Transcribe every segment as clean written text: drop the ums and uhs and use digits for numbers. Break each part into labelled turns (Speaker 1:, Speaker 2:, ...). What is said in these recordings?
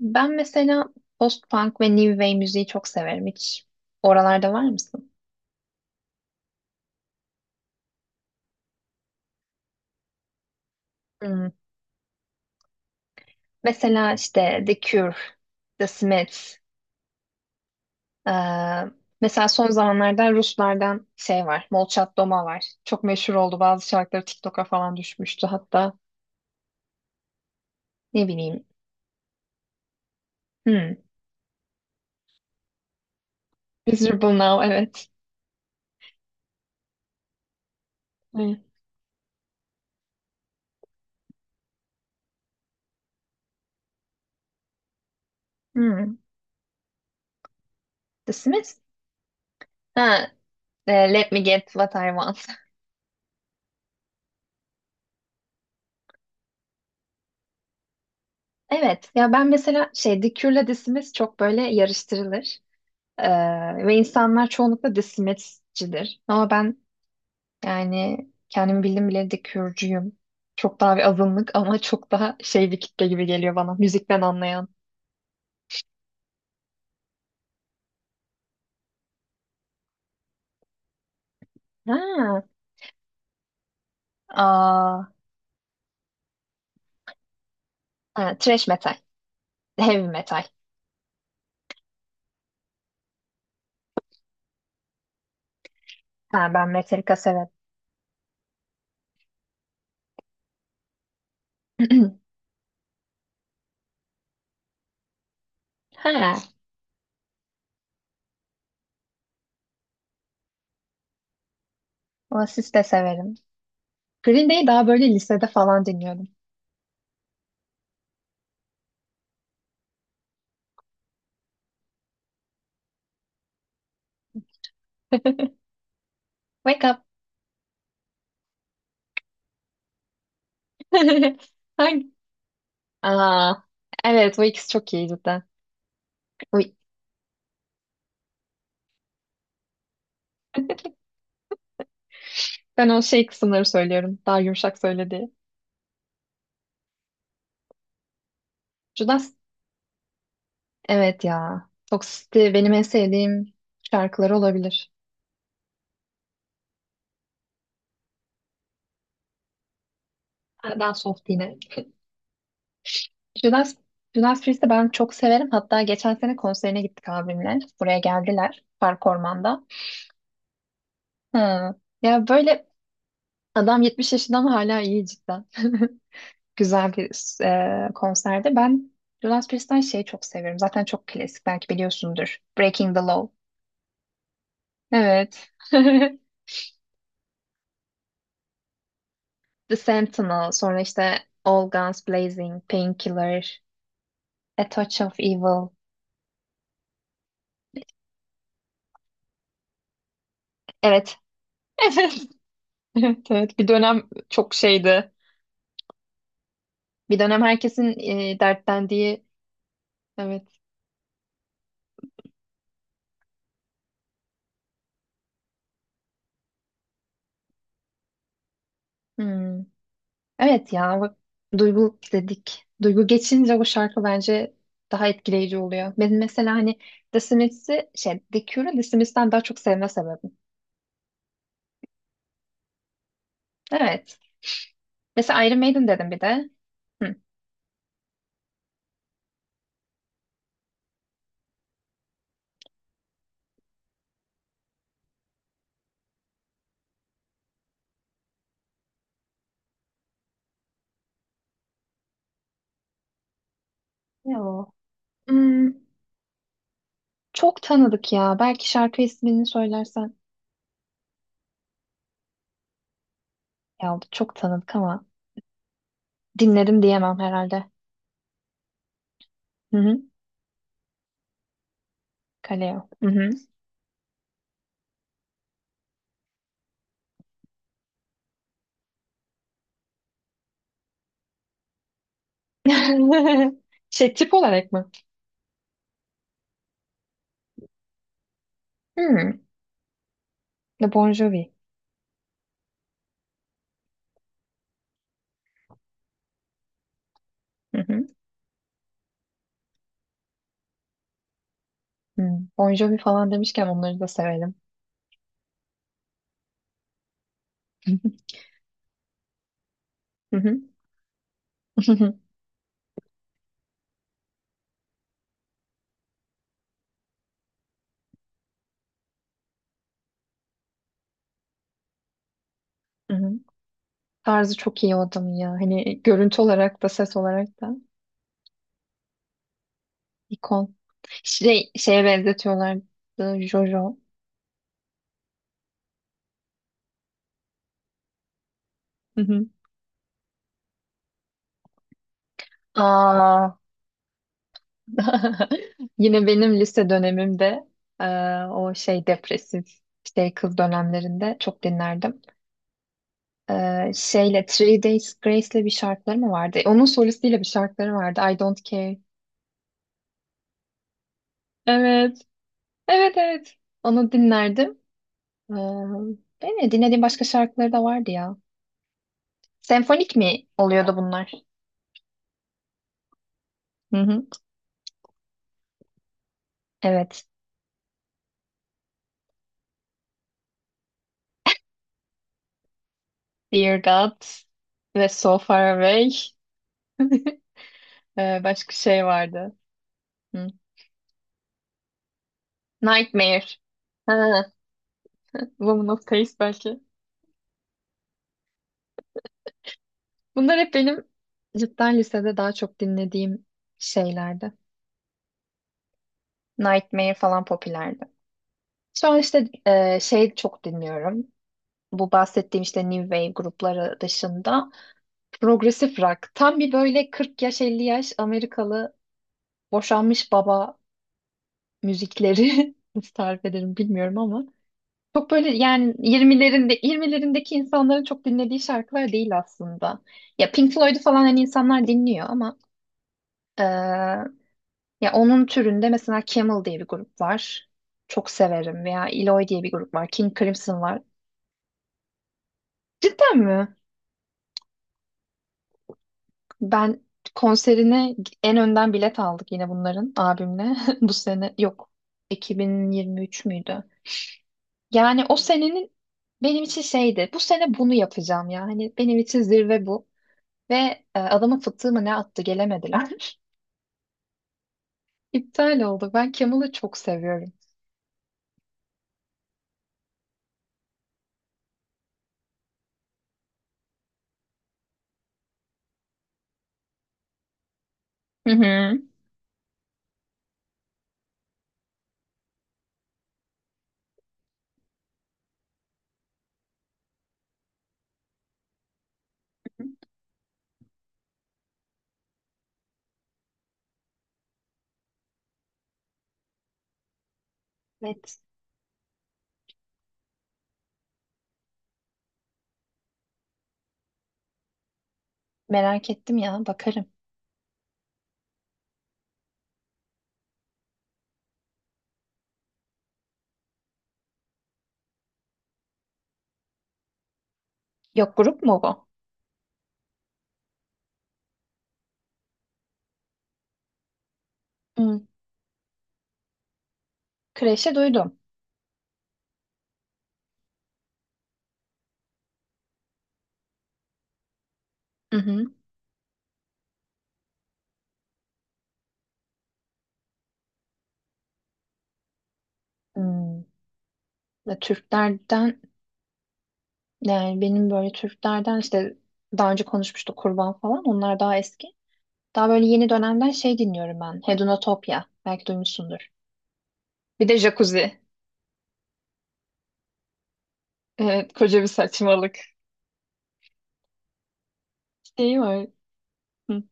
Speaker 1: Ben mesela post-punk ve new wave müziği çok severim. Hiç oralarda var mısın? Hmm. Mesela işte The Cure, The Smiths. eee, Mesela son zamanlarda Ruslardan şey var. Molchat Doma var. Çok meşhur oldu. Bazı şarkıları TikTok'a falan düşmüştü hatta. Ne bileyim. Hmm. Miserable Now, evet. Evet. Hmm. The Smiths? Ha, Let Me Get What I Want. Evet. Ya ben mesela şey, The Cure'la The Smiths çok böyle yarıştırılır. Ve insanlar çoğunlukla desimetçidir. Ama ben yani kendim bildim bileli de Kürcüyüm. Çok daha bir azınlık ama çok daha şey bir kitle gibi geliyor bana. Müzikten anlayan. Ha, aa, ha, thrash metal. Heavy metal. Ha, ben Metallica severim. Ha, Oasis de severim. Green Day'i daha böyle lisede falan dinliyordum. Wake up. Hangi? Aa, evet, bu ikisi çok iyi cidden. Uy, ben o şey kısımları söylüyorum. Daha yumuşak söyledi. Judas, evet ya. Toxicity benim en sevdiğim şarkıları olabilir. Daha soft yine. Judas, Judas Priest'i ben çok severim. Hatta geçen sene konserine gittik abimle. Buraya geldiler. Park Orman'da. Ha, ya böyle adam 70 yaşında ama hala iyi cidden. Güzel bir konserdi. Ben Judas Priest'ten şey çok severim. Zaten çok klasik, belki biliyorsundur. Breaking the Law. Evet. The Sentinel. Sonra işte All Guns Blazing, Painkiller. A Touch of Evil. Evet. Evet. Evet, evet. Bir dönem çok şeydi. Bir dönem herkesin dertlendiği. Evet. Hmm. Evet ya, bak, duygu dedik. Duygu geçince bu şarkı bence daha etkileyici oluyor. Benim mesela hani The Smiths'i şey, The Cure'u The Smiths'ten daha çok sevme sebebim. Evet. Mesela Iron Maiden dedim bir de. Hı. Ne o? Hmm, çok tanıdık ya. Belki şarkı ismini söylersen. Ya çok tanıdık ama dinledim diyemem herhalde. Hı hı. Kaleo. Hı hı. Şey, tip olarak mı? Hmm. The Bon Jovi. Hı hı. Hmm. Bon Jovi falan demişken onları da severim. Hı hı. Hı hı. Tarzı çok iyi o adamın ya. Hani görüntü olarak da ses olarak da ikon. Şey, şeye benzetiyorlardı, Jojo. Hı hı. Aa. Yine benim lise dönemimde e, o şey depresif şey kız dönemlerinde çok dinlerdim. Şeyle Three Days Grace'le bir şarkıları mı vardı? Onun solistiyle bir şarkıları vardı. I Don't Care. Evet. Evet evet. Onu dinlerdim. Ee, yani dinlediğim başka şarkıları da vardı ya. Senfonik mi oluyordu bunlar? Hı hı. Evet. Dear God ve So Far Away. Başka şey vardı. Hı. Nightmare. Ha, Woman of Taste belki. Bunlar hep benim cidden lisede daha çok dinlediğim şeylerdi. Nightmare falan popülerdi. Şu an işte şey çok dinliyorum. Bu bahsettiğim işte new wave grupları dışında progresif rock. Tam bir böyle 40 yaş 50 yaş Amerikalı boşanmış baba müzikleri nasıl tarif ederim bilmiyorum ama çok böyle yani 20'lerinde 20'lerindeki insanların çok dinlediği şarkılar değil aslında. Ya Pink Floyd'u falan hani insanlar dinliyor ama e, ya onun türünde mesela Camel diye bir grup var. Çok severim veya Eloy diye bir grup var. King Crimson var. Cidden mi? Ben konserine en önden bilet aldık yine bunların abimle. Bu sene yok. 2023 müydü? Yani o senenin benim için şeydi. Bu sene bunu yapacağım ya. Hani benim için zirve bu. Ve adamın fıtığı mı ne attı, gelemediler. İptal oldu. Ben Kemal'ı çok seviyorum. Hı hı. Evet. Merak ettim ya. Bakarım. Yok, grup mu bu? Hı. Kreşe duydum. Hı hı. Hmm. Ve Türklerden yani benim böyle Türklerden işte daha önce konuşmuştuk, kurban falan. Onlar daha eski. Daha böyle yeni dönemden şey dinliyorum ben. Hedonotopya. Belki duymuşsundur. Bir de jacuzzi. Evet, koca bir saçmalık. Şey var. Hı.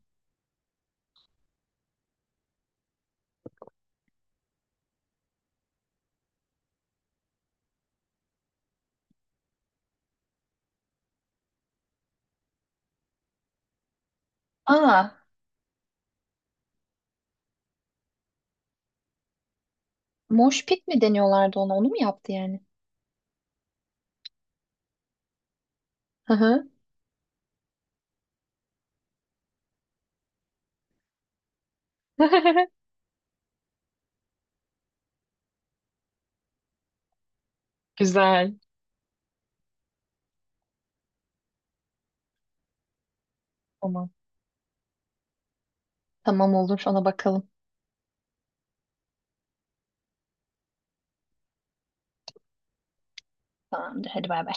Speaker 1: Aa, mosh pit mi deniyorlardı ona? Onu mu yaptı yani? Hı hı. Güzel. Tamam. Tamam, olur. Ona bakalım. Tamamdır. Hadi bay bay.